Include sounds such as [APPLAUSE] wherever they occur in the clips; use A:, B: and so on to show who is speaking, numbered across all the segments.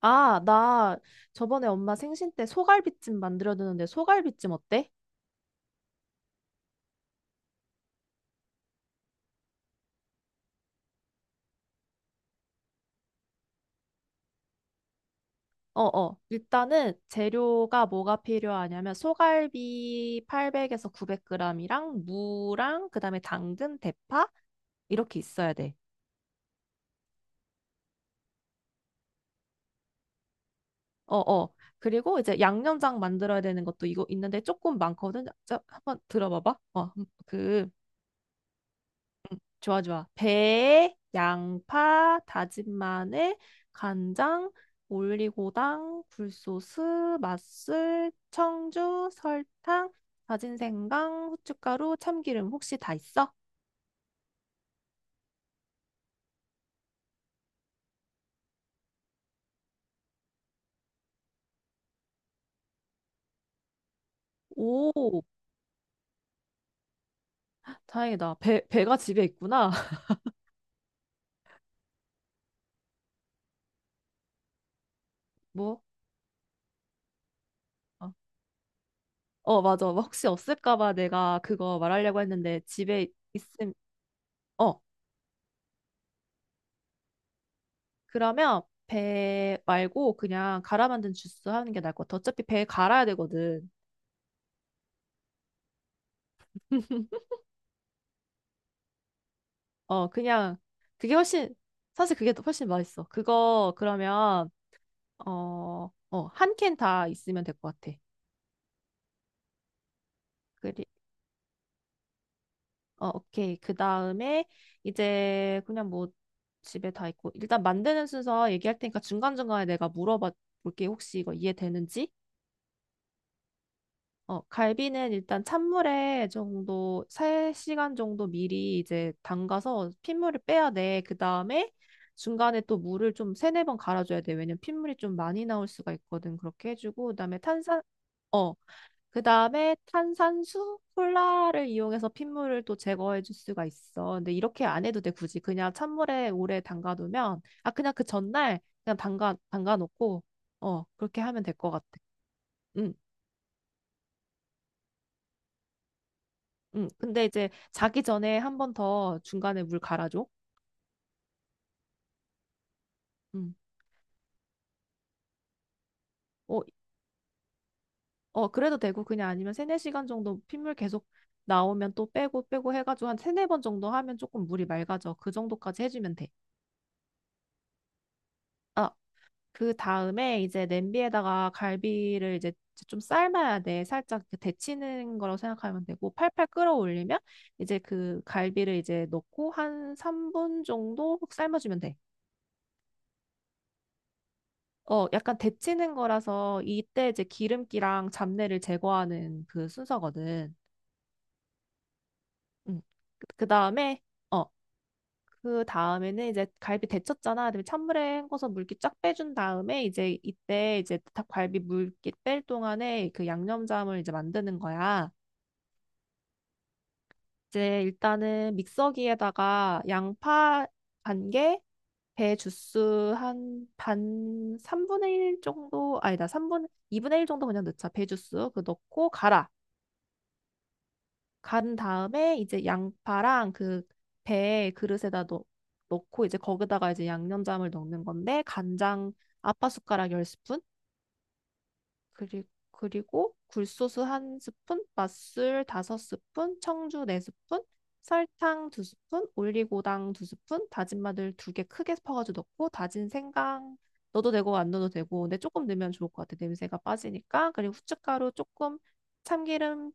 A: 아, 나 저번에 엄마 생신 때 소갈비찜 만들어드는데 소갈비찜 어때? 어, 어. 일단은 재료가 뭐가 필요하냐면 소갈비 800에서 900g이랑 무랑 그다음에 당근, 대파 이렇게 있어야 돼. 어, 어. 그리고 이제 양념장 만들어야 되는 것도 이거 있는데 조금 많거든. 자, 한번 들어봐봐. 좋아, 좋아. 배, 양파, 다진 마늘, 간장, 올리고당, 굴소스, 맛술, 청주, 설탕, 다진 생강, 후춧가루, 참기름 혹시 다 있어? 오, 다행이다. 배가 집에 있구나. [LAUGHS] 뭐? 어, 어, 맞아. 뭐 혹시 없을까 봐 내가 그거 말하려고 했는데 집에 있음. 어, 그러면 배 말고 그냥 갈아 만든 주스 하는 게 나을 것 같아. 어차피 배 갈아야 되거든. 그냥, 그게 훨씬, 사실 그게 더 훨씬 맛있어. 그거, 그러면, 한 캔 다 있으면 될 것 같아. 그리, 오케이. 그 다음에, 이제, 그냥 뭐, 집에 다 있고, 일단 만드는 순서 얘기할 테니까 중간중간에 내가 물어봐 볼게. 혹시 이거 이해되는지? 갈비는 일단 찬물에 정도, 3시간 정도 미리 이제 담가서 핏물을 빼야 돼. 그 다음에 중간에 또 물을 좀 세네 번 갈아줘야 돼. 왜냐면 핏물이 좀 많이 나올 수가 있거든. 그렇게 해주고, 그 다음에 어, 탄산수, 콜라를 이용해서 핏물을 또 제거해 줄 수가 있어. 근데 이렇게 안 해도 돼, 굳이. 그냥 찬물에 오래 담가두면, 아, 그냥 그 전날 그냥 담가놓고, 그렇게 하면 될 것 같아. 응. 근데 이제 자기 전에 한 번 더 중간에 물 갈아줘. 음. 어, 어, 그래도 되고 그냥 아니면 세네 시간 정도 핏물 계속 나오면 또 빼고 빼고 해가지고 한 세네 번 정도 하면 조금 물이 맑아져. 그 정도까지 해주면 돼. 아, 그 다음에 이제 냄비에다가 갈비를 이제 좀 삶아야 돼. 살짝 이렇게 데치는 거라고 생각하면 되고 팔팔 끓어올리면 이제 그 갈비를 이제 넣고 한 3분 정도 삶아주면 돼. 어, 약간 데치는 거라서 이때 이제 기름기랑 잡내를 제거하는 그 순서거든. 음. 그 다음에, 어, 그 다음에는 이제 갈비 데쳤잖아. 그다음에 찬물에 헹궈서 물기 쫙 빼준 다음에 이제 이때 이제 닭갈비 물기 뺄 동안에 그 양념장을 이제 만드는 거야. 이제 일단은 믹서기에다가 양파 반 개, 배 주스 한 반 3분의 1 정도, 아니다, 3분, 이분의 1 정도 그냥 넣자. 배 주스 그 넣고 갈아. 간 다음에 이제 양파랑 그 배 그릇에다 넣고 이제 거기다가 이제 양념장을 넣는 건데 간장 아빠 숟가락 10스푼 그리고 굴소스 한스푼 맛술 다섯 스푼 청주 네스푼 설탕 두스푼 올리고당 두스푼 다진 마늘 두 개 크게 퍼가지고 넣고 다진 생강 넣어도 되고 안 넣어도 되고 근데 조금 넣으면 좋을 것 같아, 냄새가 빠지니까. 그리고 후춧가루 조금, 참기름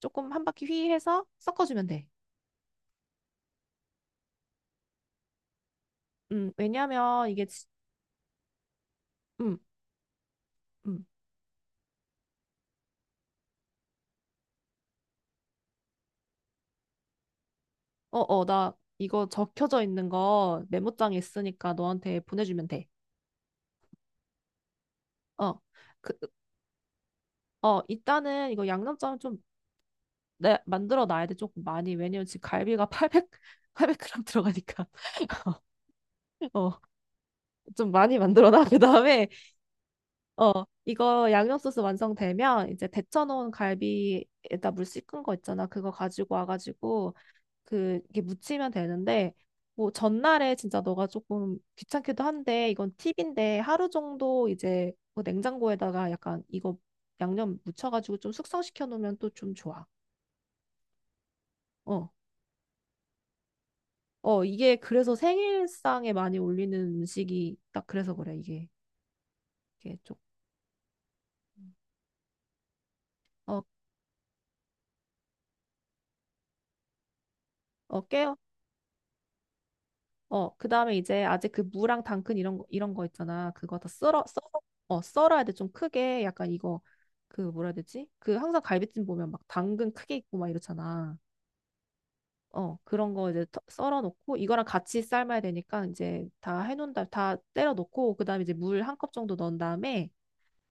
A: 조금 한 바퀴 휘 해서 섞어주면 돼. 왜냐면 이게 음, 음. 어, 어, 나 이거 적혀져 있는 거 메모장에 있으니까 너한테 보내주면 돼. 어. 그, 일단은 이거 양념장 좀 만들어 놔야 돼. 조금 많이. 왜냐면 지금 갈비가 [LAUGHS] 800, 백 그램 g 들어가니까. [LAUGHS] 어, 좀 많이 만들어 놔. 그다음에 어, 이거 양념 소스 완성되면 이제 데쳐 놓은 갈비에다 물 씻은 거 있잖아. 그거 가지고 와 가지고 그 이게 묻히면 되는데 뭐 전날에 진짜 너가 조금 귀찮기도 한데 이건 팁인데 하루 정도 이제 뭐 냉장고에다가 약간 이거 양념 묻혀가지고 좀 숙성시켜 놓으면 또 좀 좋아. 어. 어, 이게 그래서 생일상에 많이 올리는 음식이 딱 그래서 그래, 이게. 이게 좀, 어, 깨, 그 다음에 이제 아직 그 무랑 당근 이런 거, 이런 거 있잖아. 그거 다 썰어야 돼. 좀 크게. 약간 이거, 그 뭐라 해야 되지? 그 항상 갈비찜 보면 막 당근 크게 있고 막 이렇잖아. 그런 거 이제 썰어 놓고 이거랑 같이 삶아야 되니까 이제 다 해놓은 다음, 다 때려 놓고 그 다음에 이제 물 한 컵 정도 넣은 다음에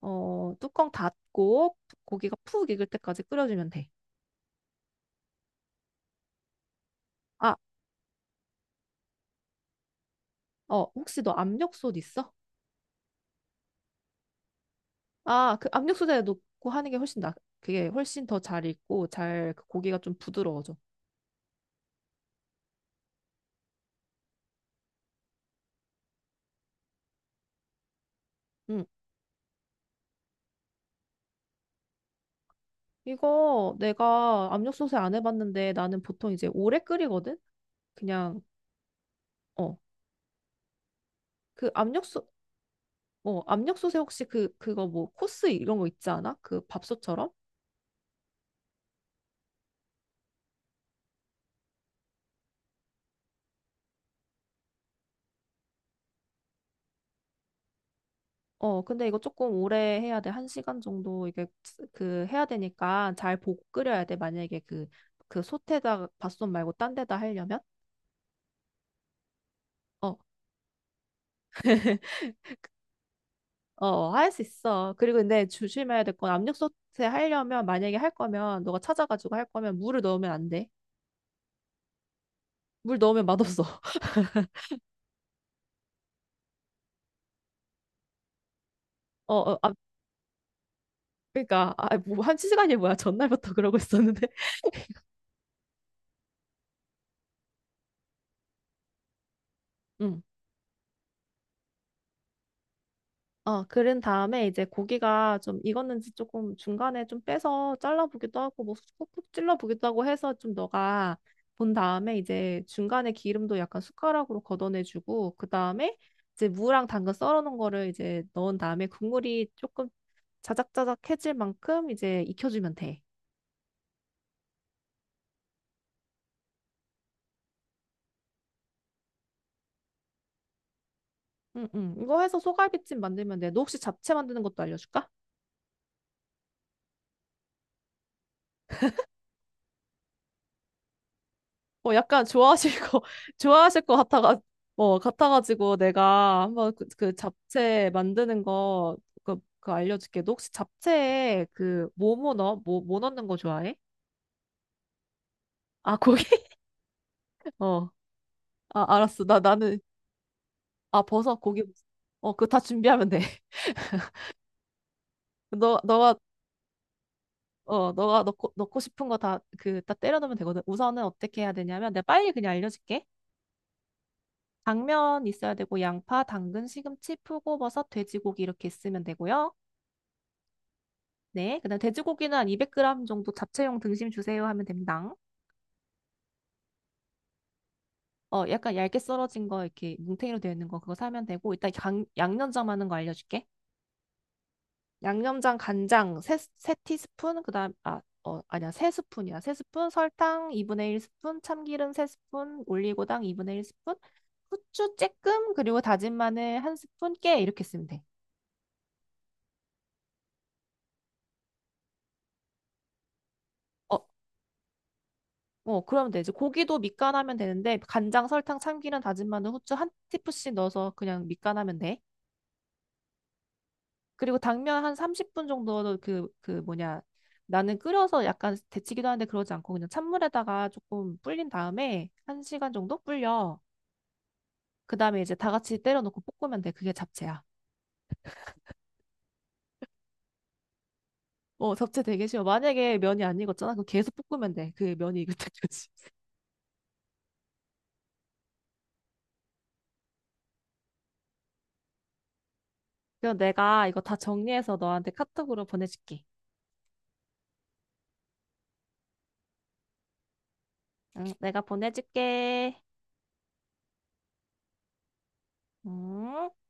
A: 뚜껑 닫고 고기가 푹 익을 때까지 끓여주면 돼. 아, 혹시 너 압력솥 있어? 그 압력수다에 넣고 하는 게 훨씬 나, 그게 훨씬 더 잘 익고 잘, 그 고기가 좀 부드러워져. 응. 이거 내가 압력솥에 안 해봤는데 나는 보통 이제 오래 끓이거든? 그냥, 어, 그 압력솥에 혹시 그거 뭐 코스 이런 거 있지 않아? 그 밥솥처럼? 어, 근데 이거 조금 오래 해야 돼. 한 시간 정도 이게 그 해야 되니까 잘 보고 끓여야 돼. 만약에 그 솥에다가, 밥솥 말고 딴 데다 하려면? 어, 어, 할 수 있어. 그리고 근데 조심해야 될 건 압력 소태 하려면 만약에 할 거면 너가 찾아가지고 할 거면 물을 넣으면 안 돼. 물 넣으면 맛없어. [LAUGHS] 어, 어, 아, 그러니까, 아, 뭐 한 시간이 뭐야? 전날부터 [LAUGHS] 그러고 있었는데. 응. 어, 그런 다음에 이제 고기가 좀 익었는지 조금 중간에 좀 빼서 잘라보기도 하고 뭐 푹푹 찔러보기도 하고 해서 좀 너가 본 다음에 이제 중간에 기름도 약간 숟가락으로 걷어내주고 그 다음에 이제 무랑 당근 썰어놓은 거를 이제 넣은 다음에 국물이 조금 자작자작해질 만큼 이제 익혀주면 돼. 응, 응. 이거 해서 소갈비찜 만들면 돼. 너 혹시 잡채 만드는 것도 알려줄까? 어, 약간 좋아하실 거, [LAUGHS] 좋아하실 것 같아가, 같아가지고 내가 한번 그 잡채 만드는 거, 그 알려줄게. 너 혹시 잡채에 뭐뭐 넣어? 뭐 넣는 거 좋아해? 아, 고기? [LAUGHS] 어. 아, 알았어. 나는, 아, 버섯, 고기. 어, 그거 다 준비하면 돼. [LAUGHS] 너가 너가 넣고 싶은 거 다 때려 넣으면 되거든. 우선은 어떻게 해야 되냐면, 내가 빨리 그냥 알려줄게. 당면 있어야 되고, 양파, 당근, 시금치, 표고버섯, 돼지고기 이렇게 있으면 되고요. 네. 그다음 돼지고기는 한 200g 정도 잡채용 등심 주세요 하면 됩니다. 어, 약간 얇게 썰어진 거, 이렇게 뭉탱이로 되어 있는 거 그거 사면 되고, 일단 양념장 하는 거 알려줄게. 양념장, 간장, 세 티스푼, 그 다음, 아, 아니야, 세 스푼이야. 세 스푼, 설탕 2분의 1 스푼, 참기름 세 스푼, 올리고당 2분의 1 스푼, 후추 쬐끔 그리고 다진 마늘 한 스푼 깨 이렇게 쓰면 돼. 어, 어 그러면 돼. 이제 고기도 밑간하면 되는데 간장, 설탕, 참기름, 다진 마늘, 후추 한 티프씩 넣어서 그냥 밑간하면 돼. 그리고 당면 한 30분 정도 그 뭐냐, 나는 끓여서 약간 데치기도 하는데 그러지 않고 그냥 찬물에다가 조금 불린 다음에 한 시간 정도 불려. 그다음에 이제 다 같이 때려놓고 볶으면 돼. 그게 잡채야. 어, 잡채 되게 쉬워. 만약에 면이 안 익었잖아. 그럼 계속 볶으면 돼. 그 면이 익을 때까지. [LAUGHS] 그럼 내가 이거 다 정리해서 너한테 카톡으로 보내줄게. 응, 내가 보내줄게. 응.